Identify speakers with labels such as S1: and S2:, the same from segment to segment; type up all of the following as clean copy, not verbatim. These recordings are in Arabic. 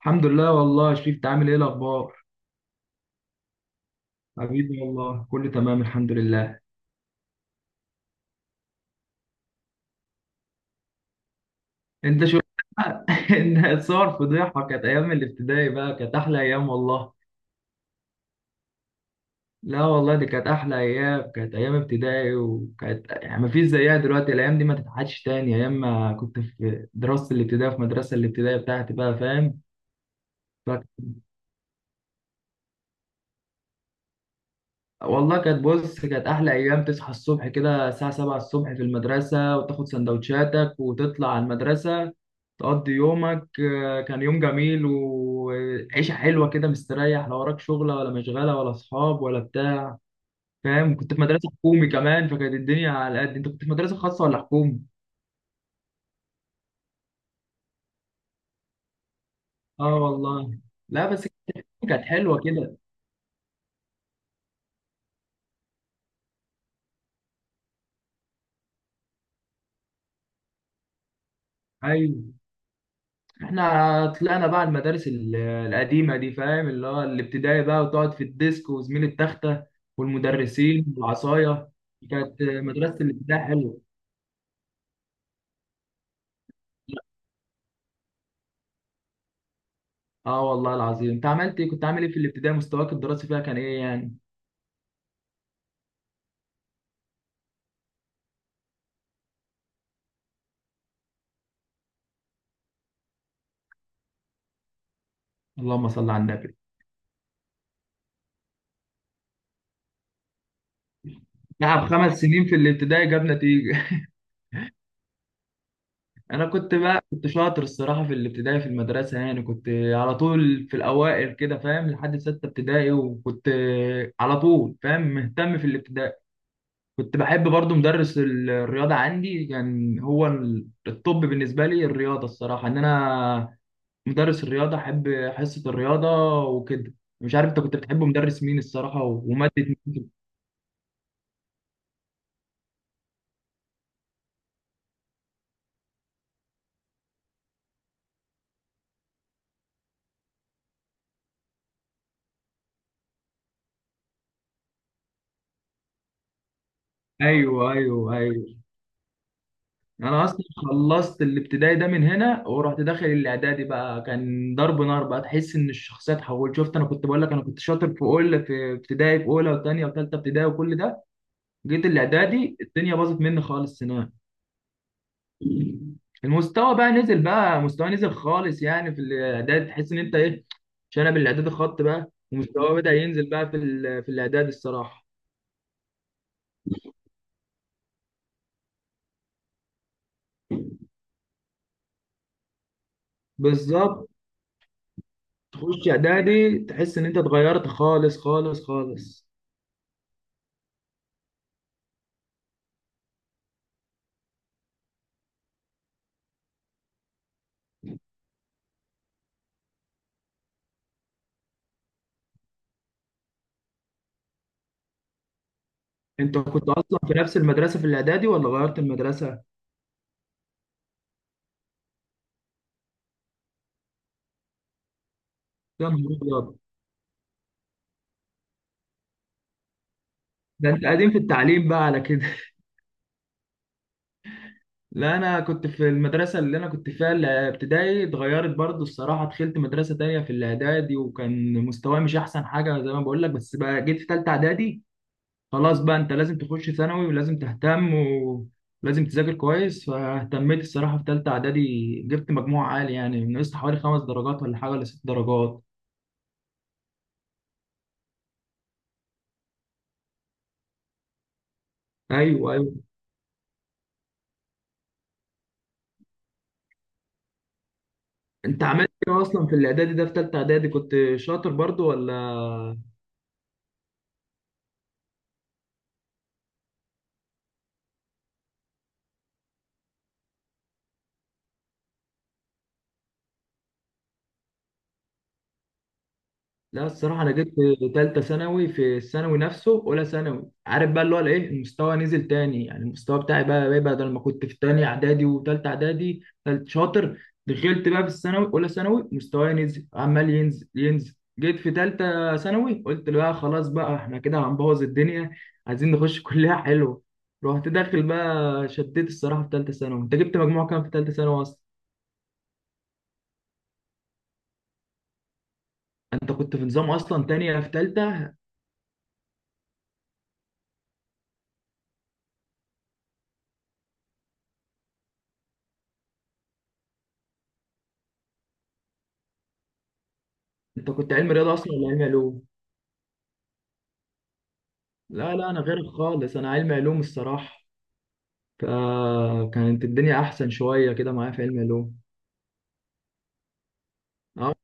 S1: الحمد لله، والله شريف عامل ايه الاخبار؟ حبيبي والله كله تمام الحمد لله. انت شو؟ ان صور فضيحه، كانت ايام الابتدائي بقى، كانت احلى ايام والله. لا والله دي كانت احلى ايام، كانت ايام ابتدائي، وكانت يعني ما فيش زيها دلوقتي، الايام دي ما تتعادش تاني، ايام ما كنت في دراسه الابتدائي في مدرسه الابتدائي بتاعتي، بقى فاهم. والله كانت، بص، كانت أحلى أيام، تصحى الصبح كده الساعة 7 الصبح في المدرسة، وتاخد سندوتشاتك وتطلع على المدرسة، تقضي يومك، كان يوم جميل وعيشة حلوة كده، مستريح، لا وراك شغلة ولا مشغلة ولا أصحاب ولا بتاع، فاهم، كنت في مدرسة حكومي كمان، فكانت الدنيا على قد. أنت كنت في مدرسة خاصة ولا حكومي؟ آه والله. لا بس كانت حلوة كده. أيوه، احنا طلعنا بقى المدارس القديمة دي، فاهم، اللي هو الابتدائي بقى، وتقعد في الديسك وزميل التختة والمدرسين والعصاية. كانت مدرسة الابتدائي حلوة. اه والله العظيم، انت عملت ايه؟ كنت عامل ايه في الابتدائي؟ مستواك الدراسي فيها كان ايه يعني؟ اللهم صل على النبي. تعب 5 سنين في الابتدائي جاب نتيجة. انا كنت بقى كنت شاطر الصراحة في الابتدائي في المدرسة، يعني كنت على طول في الاوائل كده، فاهم، لحد ستة ابتدائي، وكنت على طول فاهم، مهتم في الابتدائي. كنت بحب برضو مدرس الرياضة، عندي كان هو الطب بالنسبة لي الرياضة، الصراحة إن أنا مدرس الرياضة أحب، حصة الرياضة وكده. مش عارف أنت كنت بتحب مدرس مين الصراحة، ومادة مين؟ أيوه أيوه أيوه. أنا أصلا خلصت الابتدائي ده من هنا، ورحت داخل الإعدادي بقى، كان ضرب نار بقى، تحس إن الشخصية اتحولت. شفت، أنا كنت بقول لك، أنا كنت شاطر في أول، في ابتدائي، في أولى وتانية وتالتة ابتدائي وكل ده. جيت الإعدادي، الدنيا باظت مني خالص هناك. المستوى بقى نزل، مستوى نزل خالص، يعني في الاعداد تحس ان انت ايه، شنب الاعداد، الخط بقى ومستواه بدأ ينزل بقى، في في الاعداد الصراحه. بالظبط. تخش اعدادي، تحس ان انت اتغيرت خالص خالص خالص. انت كنت اصلا في نفس المدرسه في الاعدادي، ولا غيرت المدرسه؟ يا نهار ابيض، ده انت قديم في التعليم بقى على كده. لا، انا كنت في المدرسه اللي انا كنت فيها الابتدائي، اتغيرت برضو الصراحه، دخلت مدرسه تانية في الاعدادي، وكان مستواي مش احسن حاجه، زي ما بقول لك، بس بقى جيت في ثالثه اعدادي، خلاص بقى، انت لازم تخش ثانوي ولازم تهتم ولازم تذاكر كويس، فاهتميت الصراحه في ثالثه اعدادي، جبت مجموع عالي، يعني نقصت حوالي 5 درجات ولا حاجه، ولا 6 درجات. ايوه ايوه، انت عملت ايه اصلا في الاعدادي ده؟ في ثالثه اعدادي كنت شاطر برضو ولا؟ لا الصراحة أنا جيت في تالتة ثانوي، في الثانوي نفسه، أولى ثانوي، عارف بقى اللي هو الإيه، المستوى نزل تاني، يعني المستوى بتاعي بقى بدل ما كنت في تاني إعدادي وتالتة إعدادي تالت شاطر، دخلت بقى في الثانوي أولى ثانوي، مستواي نزل، عمال ينزل ينزل، جيت في تالتة ثانوي، قلت بقى خلاص بقى، إحنا كده هنبوظ الدنيا، عايزين نخش كلية حلوة، رحت داخل بقى، شديت الصراحة في تالتة ثانوي. أنت جبت مجموع كام في تالتة ثانوي أصلا؟ أنت كنت في نظام أصلا، تانية في تالتة؟ أنت كنت علم رياضة أصلا ولا علم علوم؟ لا لا، انا غيرك خالص، انا علمي علوم الصراحه، فكانت الدنيا احسن شويه كده معايا في علمي علوم. اه.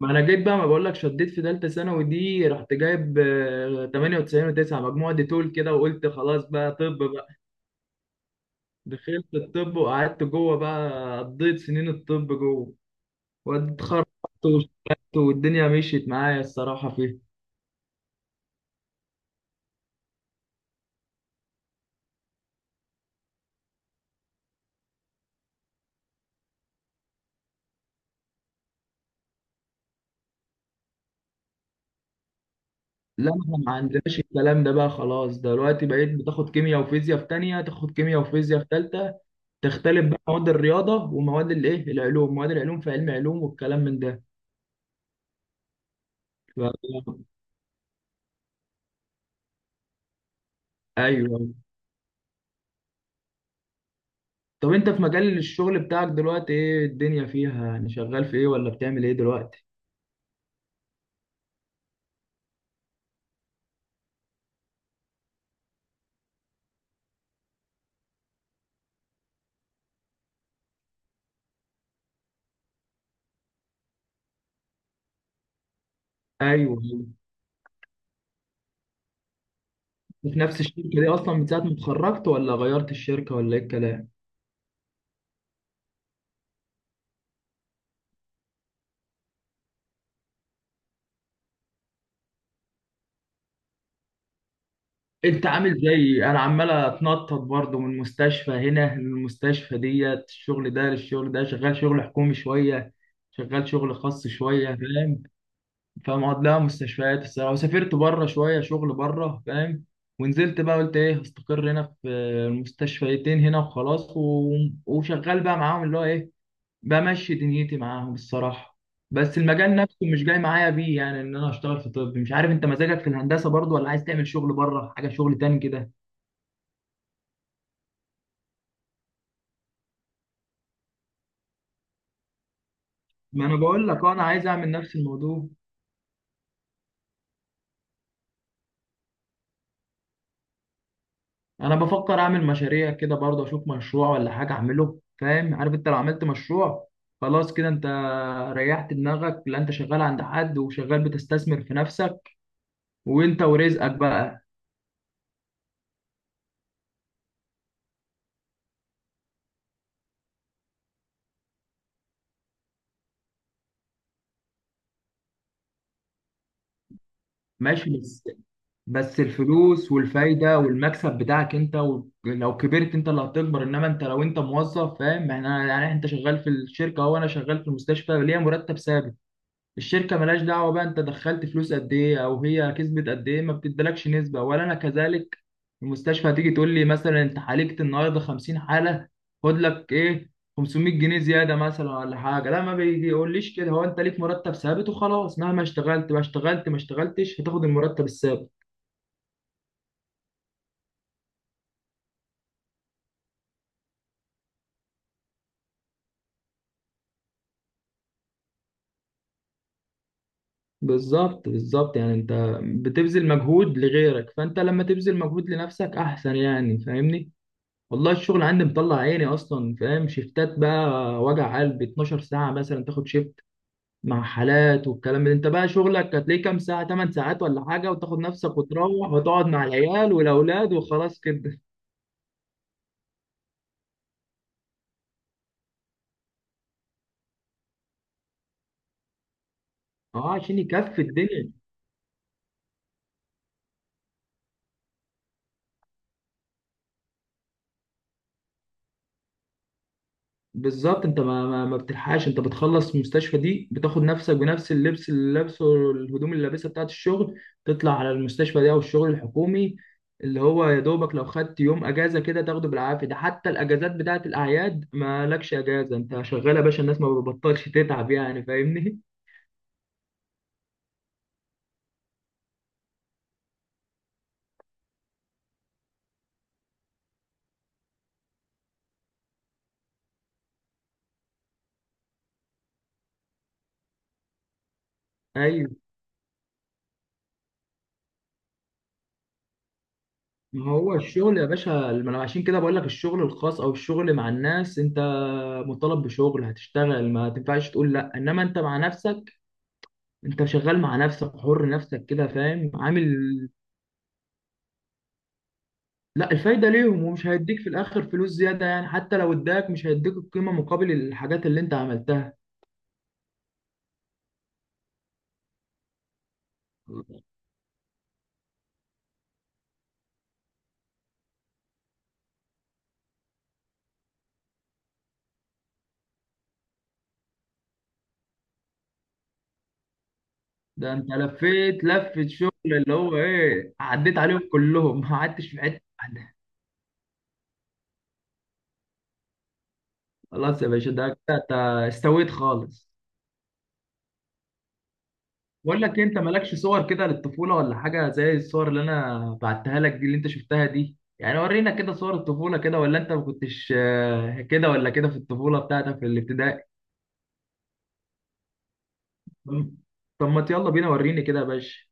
S1: ما انا جيت بقى، ما بقول لك، شديت في ثالثه ثانوي دي، رحت جايب 98 و9 مجموعه دي طول كده، وقلت خلاص بقى طب بقى. دخلت الطب، وقعدت جوه بقى، قضيت سنين الطب جوه، واتخرجت، واشتغلت، والدنيا مشيت معايا الصراحه فيها. لا، احنا ما عندناش الكلام ده بقى، خلاص دلوقتي بقيت بتاخد كيمياء وفيزياء في تانية، تاخد كيمياء وفيزياء في تالتة، تختلف بقى مواد الرياضه ومواد الايه، العلوم، مواد العلوم في علم علوم والكلام من ده. ف... ايوه. طب انت في مجال الشغل بتاعك دلوقتي، ايه الدنيا فيها؟ يعني شغال في ايه، ولا بتعمل ايه دلوقتي؟ ايوه. في نفس الشركه دي اصلا من ساعه ما اتخرجت، ولا غيرت الشركه، ولا ايه الكلام؟ انت عامل زي انا، عمال اتنطط برضه من مستشفى هنا للمستشفى ديت، الشغل ده للشغل ده، شغال شغل حكومي شويه، شغال شغل خاص شويه، فاهم، فاهم قصدي؟ لا مستشفيات الصراحه، وسافرت بره شويه شغل بره، فاهم، ونزلت بقى قلت ايه، هستقر هنا في المستشفيتين هنا وخلاص، وشغال بقى معاهم، اللي هو ايه، بمشي دنيتي معاهم الصراحه. بس المجال نفسه مش جاي معايا بيه، يعني ان انا اشتغل في طب. مش عارف انت، مزاجك في الهندسه برضو، ولا عايز تعمل شغل بره، حاجه شغل تاني كده؟ ما انا بقول لك انا عايز اعمل نفس الموضوع. انا بفكر اعمل مشاريع كده برضو، اشوف مشروع ولا حاجه اعمله، فاهم، عارف انت لو عملت مشروع، خلاص كده انت ريحت دماغك. لا انت شغال عند حد، وشغال بتستثمر في نفسك وانت ورزقك بقى. ماشي. بس، الفلوس والفايدة والمكسب بتاعك انت، ولو كبرت انت اللي هتكبر. انما انت لو انت موظف، فاهم، يعني يعني انت شغال في الشركة، وانا شغال في المستشفى، ليا مرتب ثابت، الشركه ملهاش دعوه بقى انت دخلت فلوس قد ايه، او هي كسبت قد ايه، ما بتدلكش نسبه، ولا انا كذلك. المستشفى هتيجي تقول لي مثلا انت عالجت النهارده 50 حاله، خد لك ايه، 500 جنيه زياده مثلا ولا حاجه؟ لا، ما بيقوليش كده، هو انت ليك مرتب ثابت وخلاص، مهما اشتغلت ما اشتغلت، ما اشتغلتش هتاخد المرتب الثابت. بالظبط بالظبط، يعني انت بتبذل مجهود لغيرك، فانت لما تبذل مجهود لنفسك احسن، يعني فاهمني. والله الشغل عندي مطلع عيني اصلا، فاهم، شيفتات بقى، وجع قلب، 12 ساعه مثلا تاخد شيفت مع حالات والكلام ده. انت بقى شغلك هتلاقيه كام ساعه، 8 ساعات ولا حاجه، وتاخد نفسك وتروح وتقعد مع العيال والاولاد وخلاص كده. اه، عشان يكفي الدنيا. بالظبط، انت ما بتلحقش، انت بتخلص المستشفى دي، بتاخد نفسك بنفس اللبس اللي لابسه والهدوم اللي لابسها بتاعت الشغل، تطلع على المستشفى دي او الشغل الحكومي، اللي هو يا دوبك لو خدت يوم اجازه كده تاخده بالعافيه، ده حتى الاجازات بتاعت الاعياد ما لكش اجازه، انت شغال يا باشا، الناس ما بتبطلش تتعب، يعني فاهمني. ايوه. ما هو الشغل يا باشا، ما انا عشان كده بقول لك، الشغل الخاص او الشغل مع الناس، انت مطالب بشغل، هتشتغل، ما تنفعش تقول لا. انما انت مع نفسك، انت شغال مع نفسك، حر نفسك كده، فاهم، عامل. لا، الفايده ليهم، ومش هيديك في الاخر فلوس زياده، يعني حتى لو اداك مش هيديك القيمه مقابل الحاجات اللي انت عملتها. ده انت لفيت لفه شغل، اللي هو ايه، عديت عليهم كلهم، ما قعدتش في حته واحده. خلاص يا باشا، ده كده انت استويت خالص. بقول لك انت مالكش صور كده للطفوله ولا حاجه زي الصور اللي انا بعتها لك دي اللي انت شفتها دي؟ يعني ورينا كده صور الطفوله كده، ولا انت ما كنتش كده ولا كده في الطفوله بتاعتك في الابتدائي؟ طب ما يلا بينا، وريني كده يا باشا.